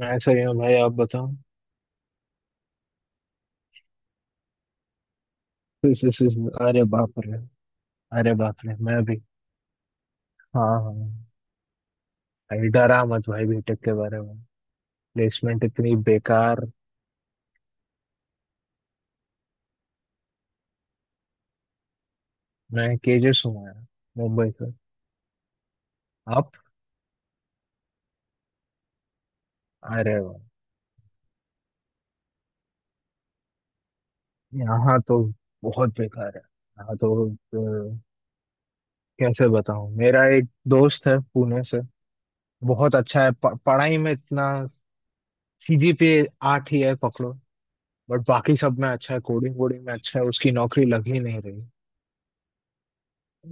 मैं सही हूँ भाई, आप बताओ। अरे बाप रे। अरे बाप रे, मैं भी। हाँ हाँ हाँ। भाई, डरा मत भाई बीटेक के बारे में। प्लेसमेंट इतनी बेकार। मैं केजेस हूँ यार, मुंबई से। आप? अरे वाह। यहाँ तो बहुत बेकार है यहाँ तो। अ, कैसे बताऊँ, मेरा एक दोस्त है पुणे से, बहुत अच्छा है, पढ़ाई में इतना। सीजीपीए आठ ही है पकड़ो, बट बाकी सब में अच्छा है, कोडिंग कोडिंग में अच्छा है, उसकी नौकरी लग ही नहीं रही।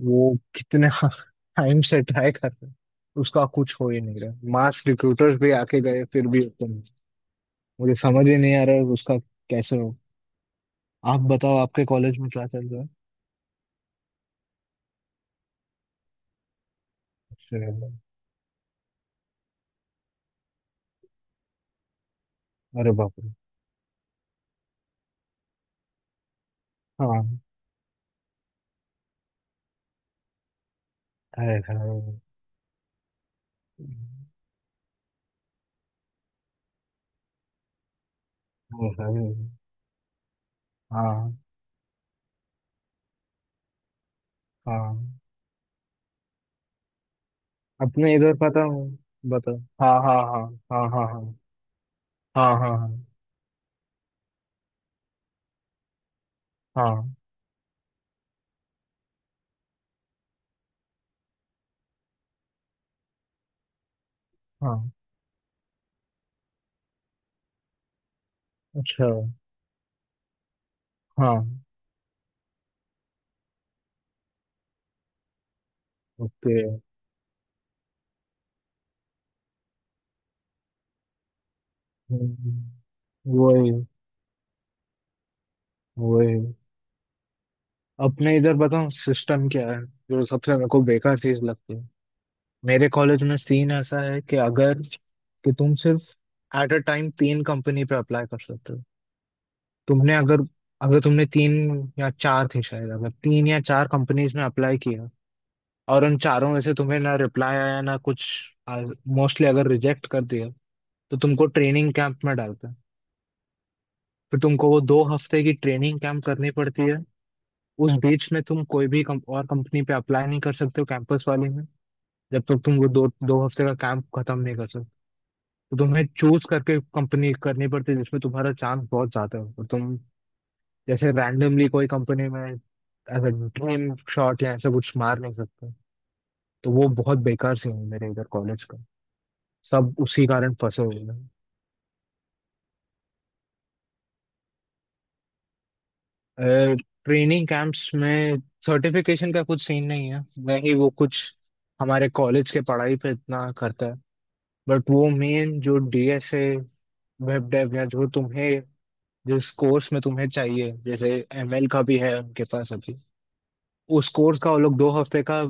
वो कितने टाइम से ट्राई कर रहे हैं, उसका कुछ हो ही नहीं रहा। मास रिक्रूटर्स भी आके गए फिर भी ओपन नहीं। मुझे समझ ही नहीं आ रहा है उसका कैसे हो। आप बताओ, आपके कॉलेज में क्या चल रहा है? श्रेय, अरे बाप रे। हाँ। है है है, है, हाँ हाँ। अपने इधर पता हूँ, बताओ। हाँ हाँ हाँ हाँ हाँ। हाँ हाँ हाँ हाँ हाँ हाँ। अच्छा। हाँ। ओके। हम्म, वही वही। अपने इधर बताऊं सिस्टम क्या है, जो सबसे मेरे को बेकार चीज लगती है। मेरे कॉलेज में सीन ऐसा है कि अगर, कि तुम सिर्फ एट अ टाइम तीन कंपनी पे अप्लाई कर सकते हो। तुमने अगर अगर तुमने तीन या चार थी शायद, अगर तीन या चार कंपनीज में अप्लाई किया और उन चारों में से तुम्हें ना रिप्लाई आया ना कुछ, मोस्टली अगर रिजेक्ट कर दिया, तो तुमको ट्रेनिंग कैंप में डालते हैं। फिर तुमको वो 2 हफ्ते की ट्रेनिंग कैंप करनी पड़ती है। उस बीच में तुम कोई भी और कंपनी पे अप्लाई नहीं कर सकते हो कैंपस वाले में, जब तक तुम वो दो दो हफ्ते का काम खत्म नहीं कर सकते। तो तुम्हें चूज करके कंपनी करनी पड़ती है जिसमें तुम्हारा चांस बहुत ज्यादा हो, और तुम जैसे रैंडमली कोई कंपनी में ऐसा ड्रीम शॉट या ऐसा कुछ मार नहीं सकते। तो वो बहुत बेकार सीन है मेरे इधर कॉलेज का, सब उसी कारण फंसे हुए हैं। ट्रेनिंग कैंप्स में सर्टिफिकेशन का कुछ सीन नहीं है। वही वो कुछ हमारे कॉलेज के पढ़ाई पे इतना करता है, बट वो मेन जो डीएसए, वेब डेव, या जो तुम्हें, जिस कोर्स में तुम्हें चाहिए जैसे एमएल का भी है उनके पास अभी। उस कोर्स का वो लोग 2 हफ्ते का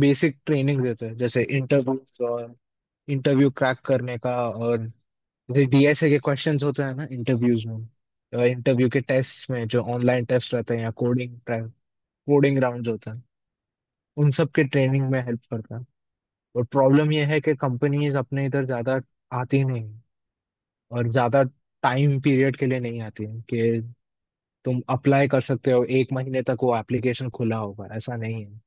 बेसिक ट्रेनिंग देते हैं, जैसे इंटरव्यू और इंटरव्यू क्रैक करने का, और जैसे डीएसए के क्वेश्चंस होते हैं ना इंटरव्यूज में, इंटरव्यू के टेस्ट में जो ऑनलाइन टेस्ट रहते हैं या कोडिंग कोडिंग राउंड्स होते हैं, उन सब के ट्रेनिंग में हेल्प करता है। और प्रॉब्लम यह है कि कंपनीज अपने इधर ज्यादा आती नहीं, और ज्यादा टाइम पीरियड के लिए नहीं आती है कि तुम अप्लाई कर सकते हो एक महीने तक वो एप्लीकेशन खुला होगा ऐसा नहीं है।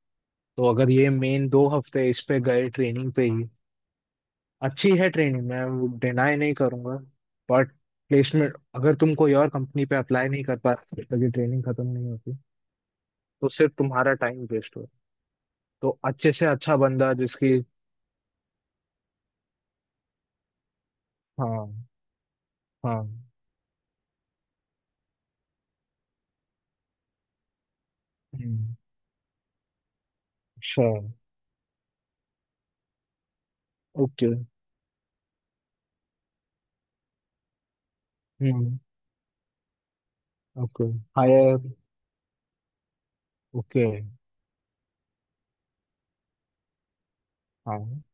तो अगर ये मेन 2 हफ्ते इस पे गए ट्रेनिंग पे ही। अच्छी है ट्रेनिंग, मैं डिनाई नहीं करूंगा, बट प्लेसमेंट, अगर तुम कोई और कंपनी पे अप्लाई नहीं कर पाते तो ये ट्रेनिंग खत्म नहीं होती, तो सिर्फ तुम्हारा टाइम वेस्ट हो। तो अच्छे से अच्छा बंदा जिसकी। हाँ हाँ। हम्म, sure। ओके। हम्म। ओके। हायर। ओके। हाँ।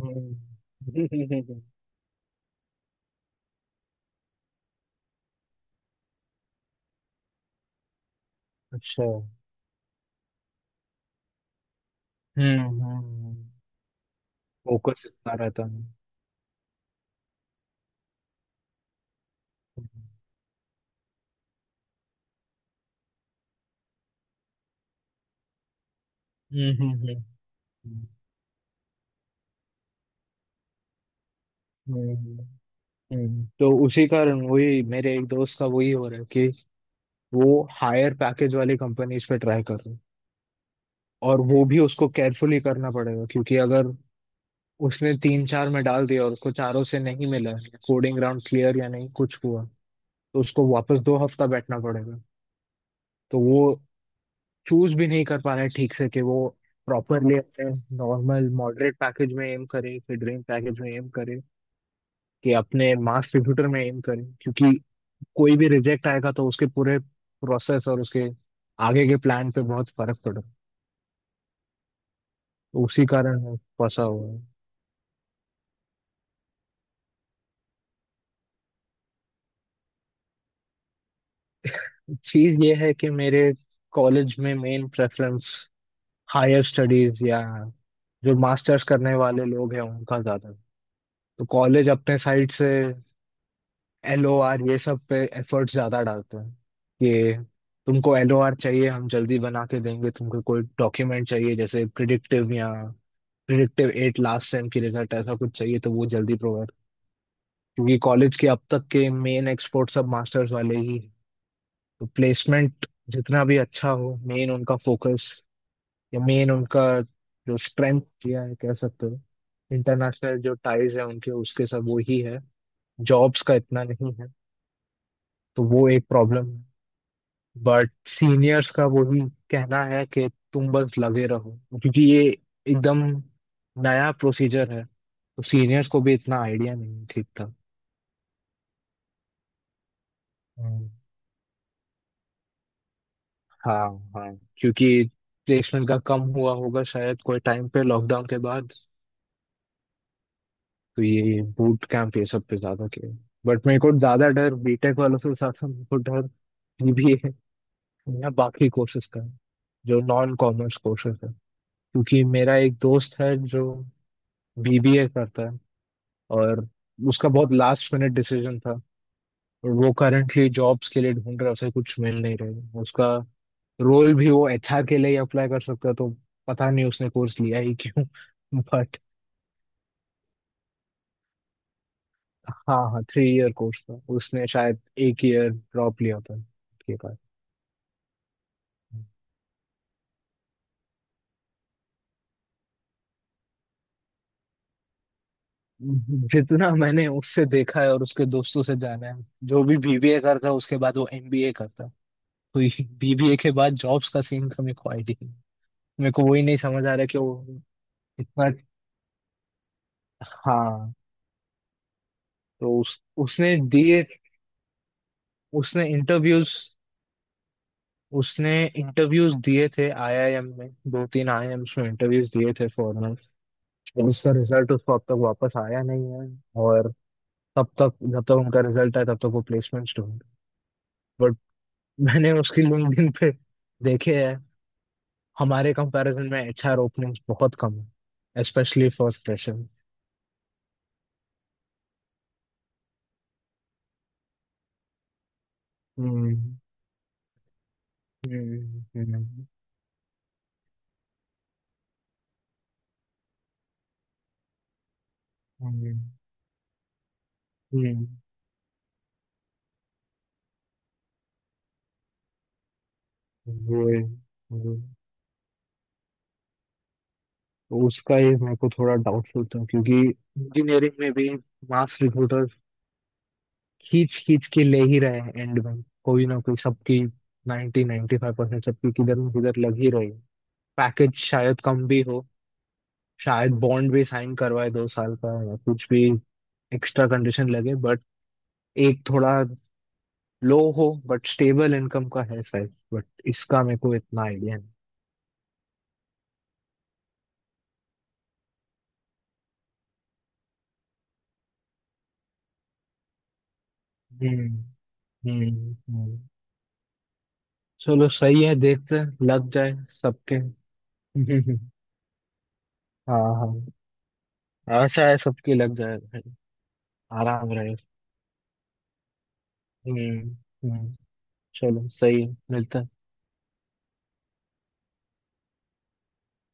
हम्म। अच्छा। हम्म। फोकस इतना रहता है। हम्म हम्म हम्म हम्म। हम्म। हम्म। तो उसी कारण वही मेरे एक दोस्त का वही हो रहा है कि वो हायर पैकेज वाली कंपनीज पे ट्राई कर रहा है। और वो भी उसको केयरफुली करना पड़ेगा, क्योंकि अगर उसने तीन चार में डाल दिया और उसको चारों से नहीं मिला, कोडिंग राउंड क्लियर या नहीं कुछ हुआ, तो उसको वापस 2 हफ्ता बैठना पड़ेगा। तो वो चूज भी नहीं कर पा रहा है ठीक से कि वो प्रॉपरली अपने नॉर्मल मॉडरेट पैकेज में एम करे, कि ड्रीम पैकेज में एम करे, कि अपने मास रिक्रूटर में एम करे, क्योंकि कोई भी रिजेक्ट आएगा तो उसके पूरे प्रोसेस और उसके आगे के प्लान पे बहुत फर्क पड़ा। उसी कारण मैं फंसा हुआ है। चीज ये है कि मेरे कॉलेज में मेन प्रेफरेंस हायर स्टडीज या जो मास्टर्स करने वाले लोग हैं उनका ज्यादा है। तो कॉलेज अपने साइड से एल ओ आर ये सब पे एफर्ट ज्यादा डालते हैं कि तुमको एल ओ आर चाहिए हम जल्दी बना के देंगे, तुमको कोई डॉक्यूमेंट चाहिए जैसे प्रिडिक्टिव या प्रिडिक्टिव एट लास्ट सेम की रिजल्ट ऐसा कुछ चाहिए तो वो जल्दी प्रोवाइड, क्योंकि कॉलेज के अब तक के मेन एक्सपोर्ट सब मास्टर्स वाले ही हैं। तो प्लेसमेंट जितना भी अच्छा हो, मेन उनका फोकस या मेन उनका जो स्ट्रेंथ दिया है कह सकते हो, इंटरनेशनल जो टाइज है उनके उसके सब वो ही है, जॉब्स का इतना नहीं है। तो वो एक प्रॉब्लम है। बट सीनियर्स का वही कहना है कि तुम बस लगे रहो, क्योंकि ये एकदम नया प्रोसीजर है, तो सीनियर्स को भी इतना आइडिया नहीं है ठीक था। हम्म, हाँ। हाँ, क्योंकि प्लेसमेंट का कम हुआ होगा शायद कोई टाइम पे लॉकडाउन के बाद, तो ये बूट कैंप ये सब पे ज्यादा किया। बट मेरे को ज्यादा डर, बीटेक वालों से ज्यादा मेरे को डर बीबीए या बाकी कोर्सेज का है, जो नॉन कॉमर्स कोर्सेज है। क्योंकि मेरा एक दोस्त है जो बीबीए करता है, और उसका बहुत लास्ट मिनट डिसीजन था, और वो करंटली जॉब्स के लिए ढूंढ रहा है, उसे कुछ मिल नहीं रहा। उसका रोल भी वो एचआर के लिए अप्लाई कर सकता है, तो पता नहीं उसने कोर्स लिया ही क्यों। बट हाँ हाँ, थ्री ईयर कोर्स था, उसने शायद एक ईयर ड्रॉप लिया था उसके बाद। जितना मैंने उससे देखा है और उसके दोस्तों से जाना है, जो भी बीबीए करता है उसके बाद वो एमबीए करता है। तो बीबीए के बाद जॉब्स का सीन का मेरे को आईडिया, मेरे को वही नहीं समझ आ रहा है कि वो इतना। हाँ। तो उस, उसने दिए उसने इंटरव्यूज उसने इंटरव्यूज दिए थे आईआईएम में, दो तीन आईआईएम्स में इंटरव्यूज दिए थे फॉरनर। उसका रिजल्ट उसको अब तक वापस आया नहीं है। और तब तक जब तक उनका रिजल्ट आए तब तक वो प्लेसमेंट्स ढूंढ, बट मैंने उसकी लिंक्डइन पे देखे है हमारे कंपैरिजन में एचआर ओपनिंग्स बहुत कम है, स्पेशली फॉर फ्रेशर। हम्म हम्म हम्म हम्म हम्म, वही, वही। तो उसका ये मेरे को थोड़ा डाउटफुल था, क्योंकि इंजीनियरिंग में भी मास रिक्रूटर खींच खींच के ले ही रहे हैं एंड में, कोई ना कोई सबकी 90 95% सबकी किधर न किधर लग ही रही है। पैकेज शायद कम भी हो, शायद बॉन्ड भी साइन करवाए 2 साल का या कुछ भी एक्स्ट्रा कंडीशन लगे, बट एक थोड़ा लो हो बट स्टेबल इनकम का है शायद, बट इसका मेरे को इतना आइडिया नहीं। हम्म हम्म। चलो सही है, देखते हैं लग जाए सबके। हाँ हाँ। आशा है सबकी लग जाए भाई। आराम रहे। हम्म हम्म। चलो सही है, मिलता है।